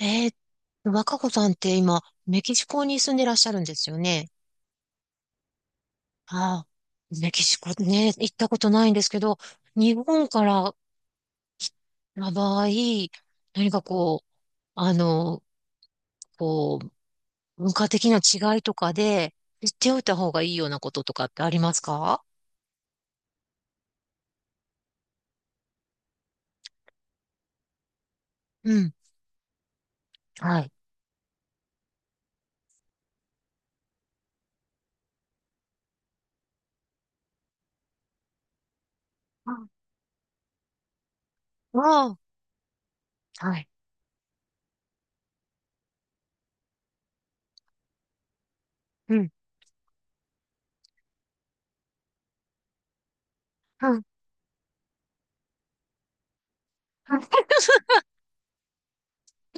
えー、若子さんって今、メキシコに住んでらっしゃるんですよね。ああ、メキシコね、行ったことないんですけど、日本からの場合、何かこう、あの、こう、文化的な違いとかで、知っておいた方がいいようなこととかってありますか？うん。はい。ああ、はい。うん。うん。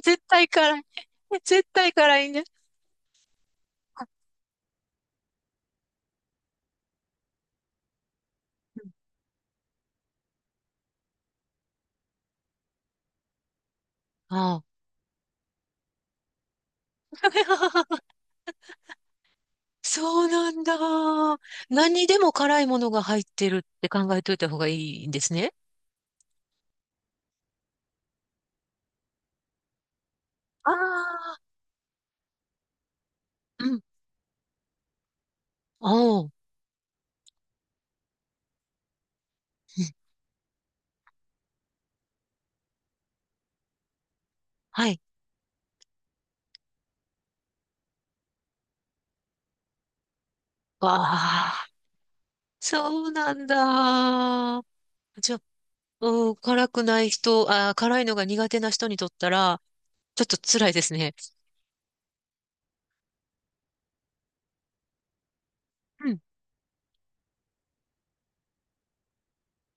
絶対辛い。絶対辛いね。ああ。そうなんだ。何にでも辛いものが入ってるって考えといた方がいいんですね。ああ、うん。おう。うん。はい。わあ、そうなんだ。じゃあ、うん、辛くない人、あー、辛いのが苦手な人にとったら、ちょっと辛いですね。うん。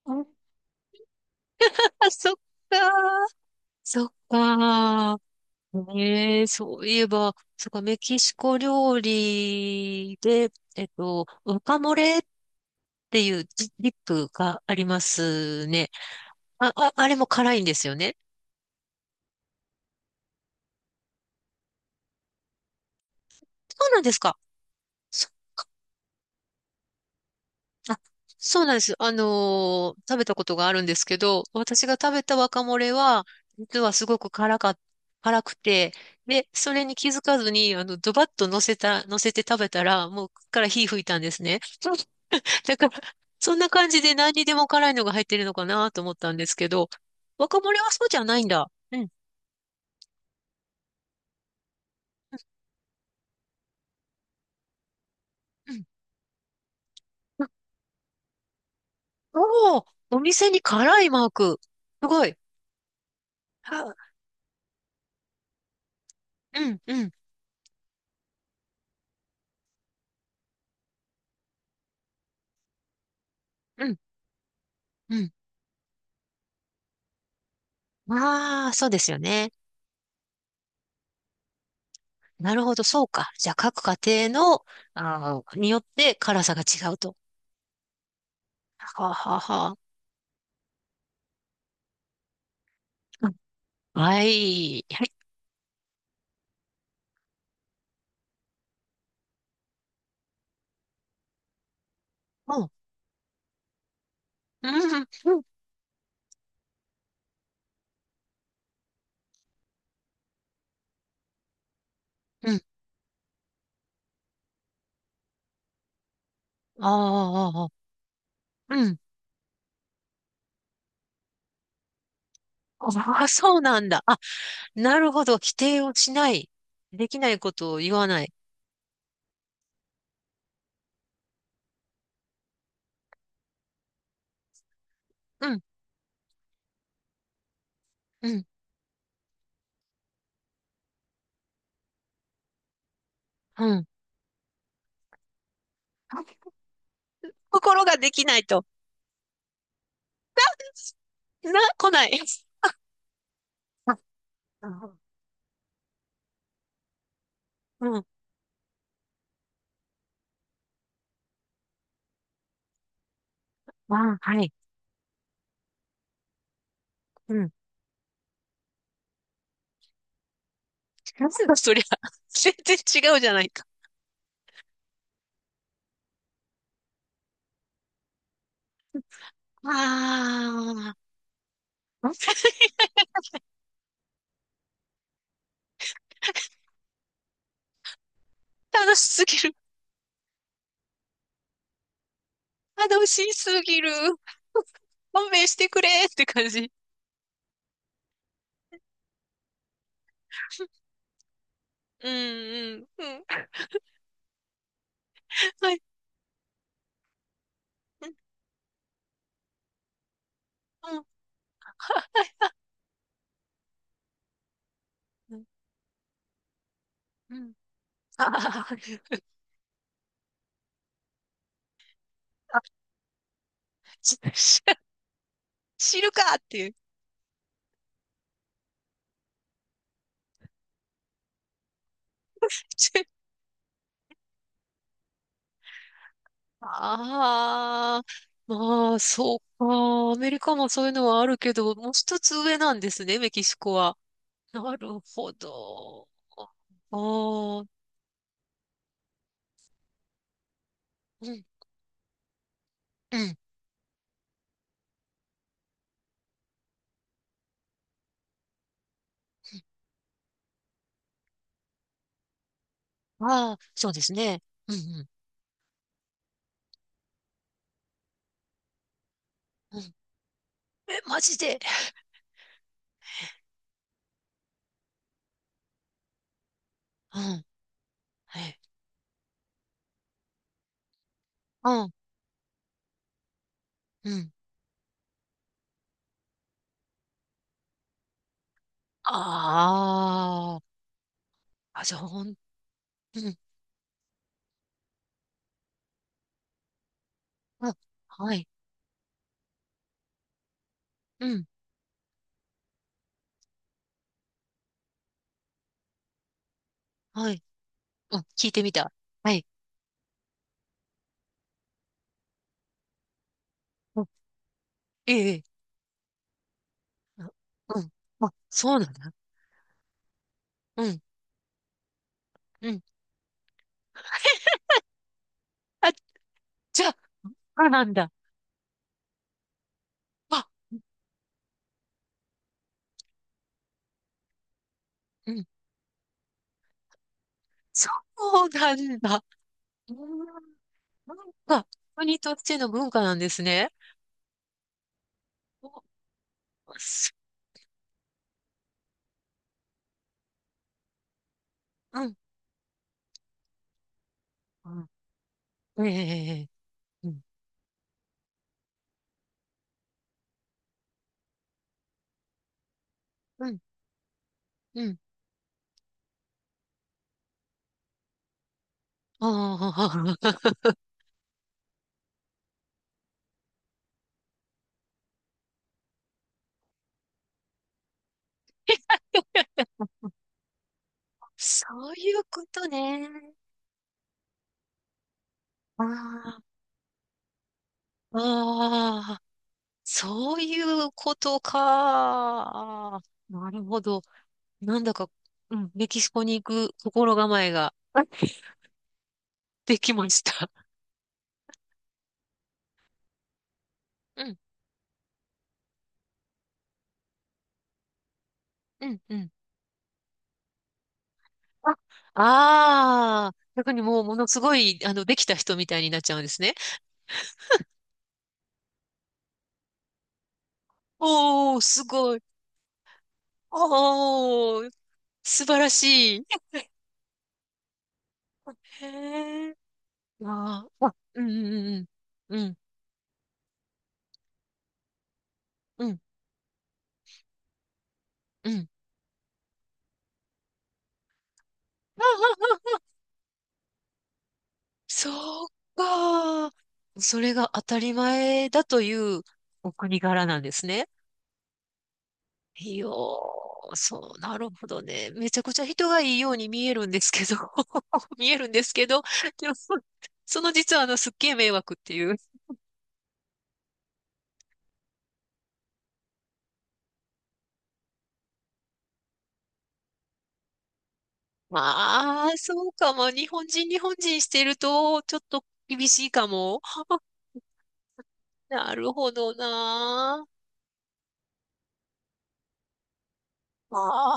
うん。あ、そっかー。そっか。ねえ、そういえば、そっか、メキシコ料理で、ワカモレっていうディップがありますね。あれも辛いんですよね。そうなんですか。そ、あ、そうなんです。食べたことがあるんですけど、私が食べたワカモレは、実はすごく辛か、辛くて、で、それに気づかずに、ドバッと乗せて食べたら、もう、から火吹いたんですね。だから、そんな感じで何にでも辛いのが入ってるのかなと思ったんですけど、若森はそうじゃないんだ。うん。うん。おおー、お店に辛いマーク。すごい。は。うん、うん、うん、うん。ああ、そうですよね。なるほど、そうか。じゃあ、各家庭の、あーによって辛さが違うと。はあはあはあ。うん。はい。はい。うん、うん、うん、うん。あーあー、あーうん。ああ、そうなんだ。あ、なるほど。否定をしない。できないことを言わない。うん、うん、うん。心ができないと。な、来ない。あ、なるほど。うん。あ、はい。うん。なんだそりゃ。全然違うじゃないか。ああ。楽しすぎる。楽しすぎる。勘弁してくれって感じ。うん、うん。はい。うん、うん。は。うん。ああー。知知るかっていう。ああ、まあ、そうか。アメリカもそういうのはあるけど、もう一つ上なんですね、メキシコは。なるほど。ああ、うん、うん。ああ、そうですね。うん、ううん。え、マジで。うん、はい。うん、うん。ああ、あ、じゃあ、ほん、うん、うん、はい、うん、はい。うん、聞いてみた。はい。うん、ええ、ええうん、うんあ、そうなんだ。うん、うん。あ、じゃあ、そうなんだ。あ、うん。そうなんだ。うん。なんか、国としての文化なんですね。お。す。うん。うん。ええ。うん。うん。うん。ああ、そういうことね。ああ、ああ、そういうことか。あーなるほど。なんだか、うん、メキシコに行く心構えが できました。うん、うん。あああー、逆にもうものすごい、あの、できた人みたいになっちゃうんですね。おー、すごい。おー、素晴らしい。へえ。あーあ、うんうんうんうん。うんうんうん。あああそうか。それが当たり前だというお国柄なんですね。いやー、そう、なるほどね。めちゃくちゃ人がいいように見えるんですけど、見えるんですけど、でも、その実はあの、すっげえ迷惑っていう。まあ、そうかも。日本人してると、ちょっと厳しいかも。なるほどな。まあ、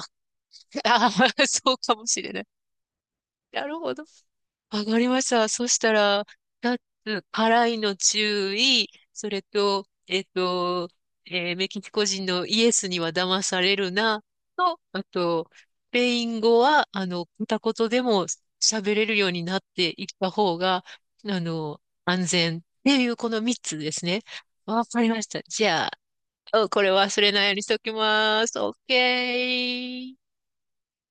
あー、そうかもしれない。なるほど。わかりました。そしたら、二つ、辛いの注意、それと、えっと、えーメキシコ人のイエスには騙されるな、と、あと、スペイン語は、あの、片言でも喋れるようになっていった方が、あの、安全っていうこの三つですね。わかりました。じゃあ、おこれ忘れないようにしときます。オッケー。